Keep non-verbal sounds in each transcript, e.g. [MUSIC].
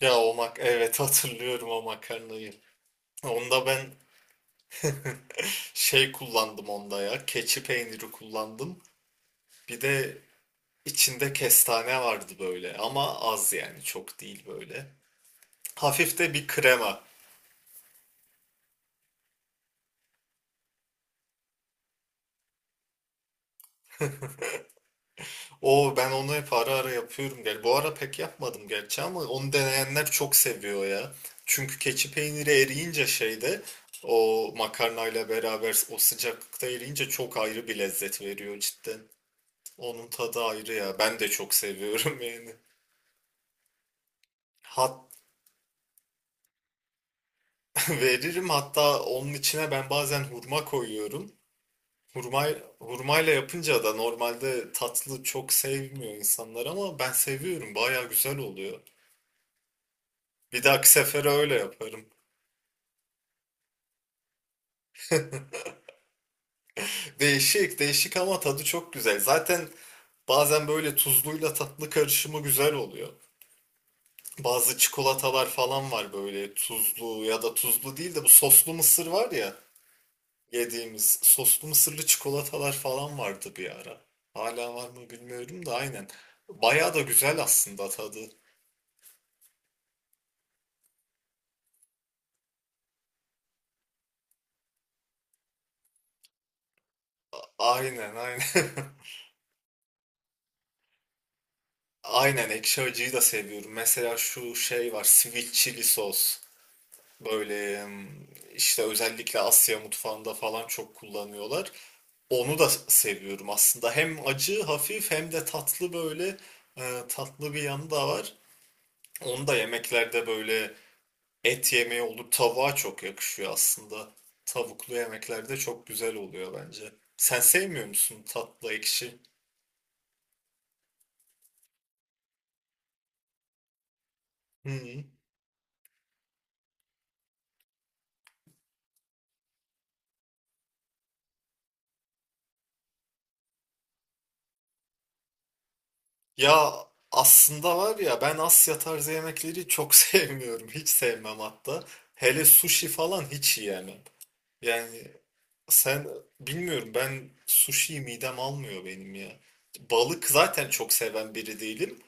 Ya o mak evet [LAUGHS] hatırlıyorum o makarnayı. Onda ben [LAUGHS] şey kullandım onda ya. Keçi peyniri kullandım. Bir de içinde kestane vardı böyle ama az yani çok değil böyle. Hafif de bir krema. O ben onu hep ara ara yapıyorum. Gel bu ara pek yapmadım gerçi ama onu deneyenler çok seviyor ya. Çünkü keçi peyniri eriyince şeyde o makarnayla beraber o sıcaklıkta eriyince çok ayrı bir lezzet veriyor cidden. Onun tadı ayrı ya. Ben de çok seviyorum yani. Hat [LAUGHS] veririm, hatta onun içine ben bazen hurma koyuyorum. Hurma hurmayla yapınca da normalde tatlı çok sevmiyor insanlar ama ben seviyorum. Baya güzel oluyor. Bir dahaki sefere öyle yaparım. Değişik, değişik ama tadı çok güzel. Zaten bazen böyle tuzluyla tatlı karışımı güzel oluyor. Bazı çikolatalar falan var, böyle tuzlu ya da tuzlu değil de bu soslu mısır var ya. Yediğimiz soslu mısırlı çikolatalar falan vardı bir ara. Hala var mı bilmiyorum da, aynen. Bayağı da güzel aslında tadı. Aynen, aynen. [LAUGHS] Aynen, ekşi acıyı da seviyorum. Mesela şu şey var, sweet chili sos. Böyle işte özellikle Asya mutfağında falan çok kullanıyorlar. Onu da seviyorum aslında. Hem acı hafif hem de tatlı böyle, tatlı bir yanı da var. Onu da yemeklerde böyle et yemeği olur. Tavuğa çok yakışıyor aslında. Tavuklu yemekler de çok güzel oluyor bence. Sen sevmiyor musun tatlı ekşi? Hı hı. Ya aslında var ya, ben Asya tarzı yemekleri çok [LAUGHS] sevmiyorum. Hiç sevmem hatta. Hele sushi falan hiç yiyemem. Yani sen, bilmiyorum, ben sushi midem almıyor benim ya. Balık zaten çok seven biri değilim.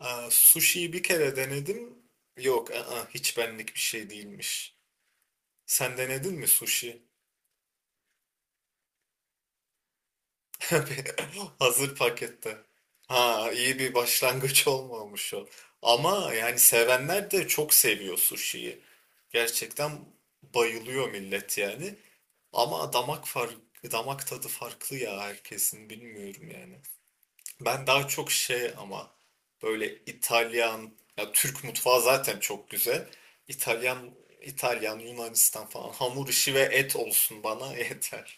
Aa, sushi'yi bir kere denedim. Yok, aa, hiç benlik bir şey değilmiş. Sen denedin mi sushi? [LAUGHS] Hazır pakette. Ha, iyi bir başlangıç olmamış o. Ama yani sevenler de çok seviyor sushi'yi. Gerçekten bayılıyor millet yani. Ama damak farkı, damak tadı farklı ya herkesin, bilmiyorum yani. Ben daha çok şey ama böyle İtalyan, ya Türk mutfağı zaten çok güzel. İtalyan, İtalyan, Yunanistan falan, hamur işi ve et olsun bana [LAUGHS] yeter.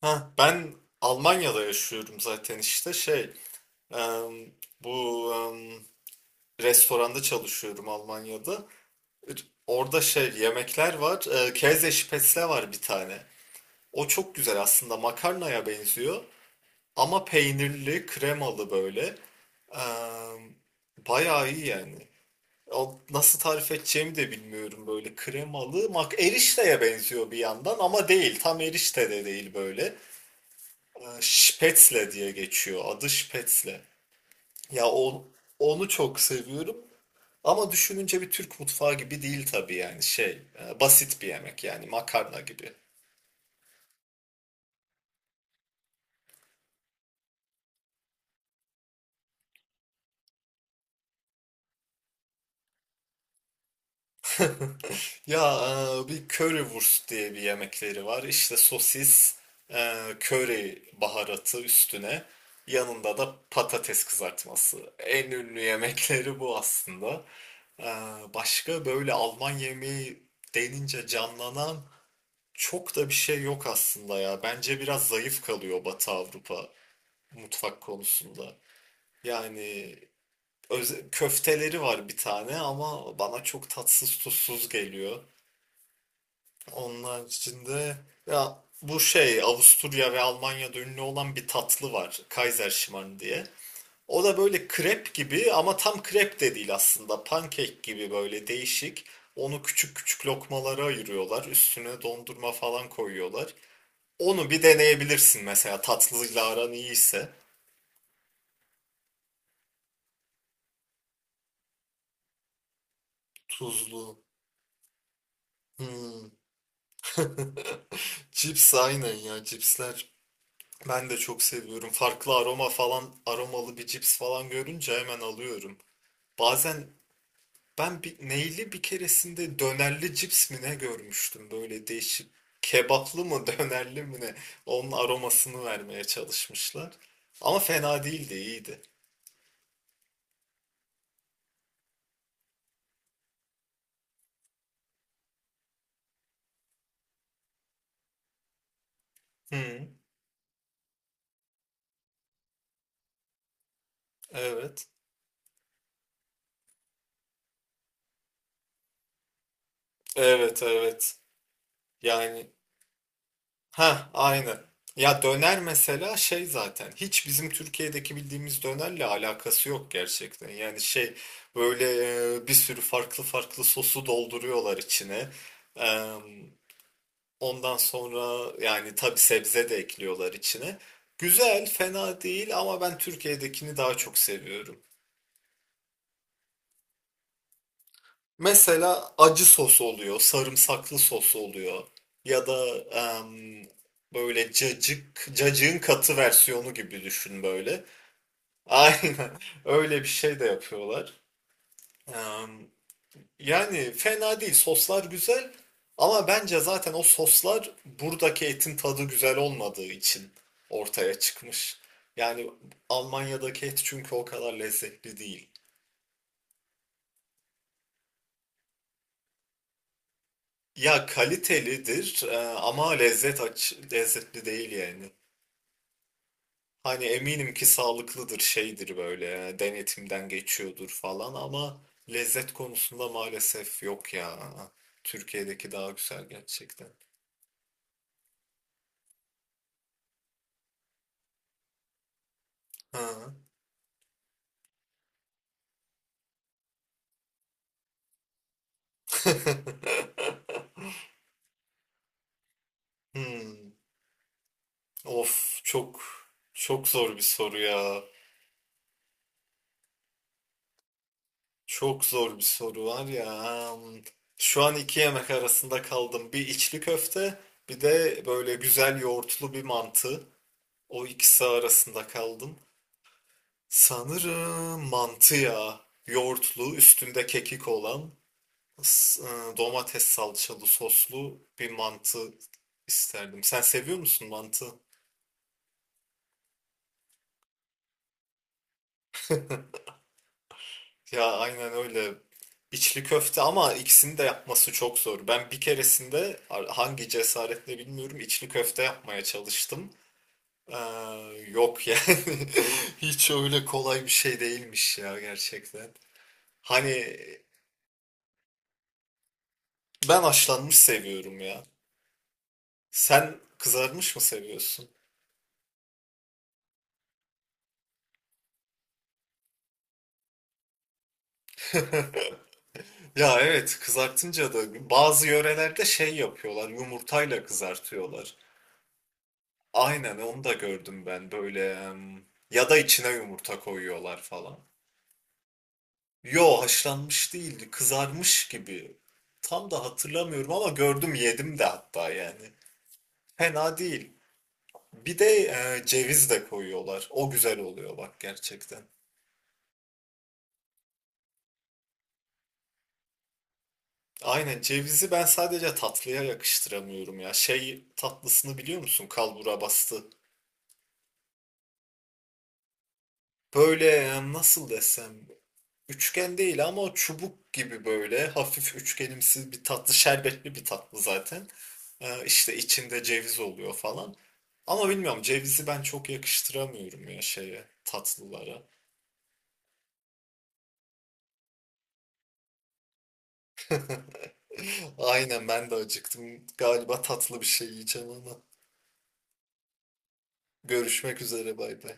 Ha, ben Almanya'da yaşıyorum zaten, işte şey em, bu restoranda çalışıyorum Almanya'da. R- Orada şey yemekler var. Käse Spätzle var bir tane. O çok güzel aslında, makarnaya benziyor ama peynirli, kremalı böyle. Em, bayağı iyi yani. O nasıl tarif edeceğimi de bilmiyorum, böyle kremalı. Mak erişteye benziyor bir yandan ama değil. Tam erişte de değil böyle. Spätzle diye geçiyor. Adı Spätzle. Ya o, onu çok seviyorum. Ama düşününce bir Türk mutfağı gibi değil tabii, yani şey basit bir yemek yani, makarna gibi. Ya bir currywurst diye bir yemekleri var. İşte sosis, köri baharatı üstüne, yanında da patates kızartması. En ünlü yemekleri bu aslında. E, başka böyle Alman yemeği denince canlanan çok da bir şey yok aslında ya. Bence biraz zayıf kalıyor Batı Avrupa mutfak konusunda. Yani öz- köfteleri var bir tane ama bana çok tatsız tuzsuz geliyor. Onun içinde ya bu şey, Avusturya ve Almanya'da ünlü olan bir tatlı var. Kaiserschmarrn diye. O da böyle krep gibi ama tam krep de değil aslında. Pankek gibi böyle değişik. Onu küçük küçük lokmalara ayırıyorlar. Üstüne dondurma falan koyuyorlar. Onu bir deneyebilirsin mesela, tatlıyla aran iyiyse. Tuzlu. Hmm. Cips, aynen ya, cipsler. Ben de çok seviyorum. Farklı aroma falan, aromalı bir cips falan görünce hemen alıyorum. Bazen ben bir, neyli, bir keresinde dönerli cips mi ne görmüştüm, böyle değişik. Kebaplı mı [LAUGHS] dönerli mi ne? Onun aromasını vermeye çalışmışlar. Ama fena değildi, iyiydi. Hı, evet. Evet, evet. Yani, ha, aynı. Ya döner mesela şey, zaten hiç bizim Türkiye'deki bildiğimiz dönerle alakası yok gerçekten. Yani şey böyle bir sürü farklı farklı sosu dolduruyorlar içine. Eee, Ondan sonra yani tabii sebze de ekliyorlar içine. Güzel, fena değil ama ben Türkiye'dekini daha çok seviyorum. Mesela acı sos oluyor, sarımsaklı sos oluyor ya da em, böyle cacık, cacığın katı versiyonu gibi düşün böyle. [LAUGHS] Aynen öyle bir şey de yapıyorlar. Em, yani fena değil, soslar güzel ama bence zaten o soslar buradaki etin tadı güzel olmadığı için ortaya çıkmış. Yani Almanya'daki et çünkü o kadar lezzetli değil. Ya kalitelidir ama lezzet, aç, lezzetli değil yani. Hani eminim ki sağlıklıdır, şeydir, böyle denetimden geçiyordur falan ama lezzet konusunda maalesef yok ya. Türkiye'deki daha güzel gerçekten. Ha. [LAUGHS] Hmm. Of çok, çok zor bir soru ya. Çok zor bir soru var ya. Hmm. Şu an iki yemek arasında kaldım. Bir içli köfte, bir de böyle güzel yoğurtlu bir mantı. O ikisi arasında kaldım. Sanırım mantı ya. Yoğurtlu, üstünde kekik olan, s- domates salçalı soslu bir mantı isterdim. Sen seviyor musun mantı? Ya aynen öyle. İçli köfte, ama ikisini de yapması çok zor. Ben bir keresinde ar- hangi cesaretle bilmiyorum, içli köfte yapmaya çalıştım. Ee, yok yani. [LAUGHS] Hiç öyle kolay bir şey değilmiş ya gerçekten. Hani ben haşlanmış seviyorum ya. Sen kızarmış mı seviyorsun? [LAUGHS] Ya evet, kızartınca da bazı yörelerde şey yapıyorlar, yumurtayla kızartıyorlar. Aynen, onu da gördüm ben böyle ya da içine yumurta koyuyorlar falan. Yo, haşlanmış değildi, kızarmış gibi. Tam da hatırlamıyorum ama gördüm, yedim de hatta yani. Fena değil. Bir de ceviz de koyuyorlar. O güzel oluyor bak, gerçekten. Aynen, cevizi ben sadece tatlıya yakıştıramıyorum ya. Şey tatlısını biliyor musun? Kalbura bastı. Böyle nasıl desem, üçgen değil ama o çubuk gibi, böyle hafif üçgenimsi bir tatlı, şerbetli bir tatlı zaten. İşte içinde ceviz oluyor falan. Ama bilmiyorum, cevizi ben çok yakıştıramıyorum ya şeye, tatlılara. [LAUGHS] Aynen, ben de acıktım. Galiba tatlı bir şey yiyeceğim ama. Görüşmek üzere, bay bay.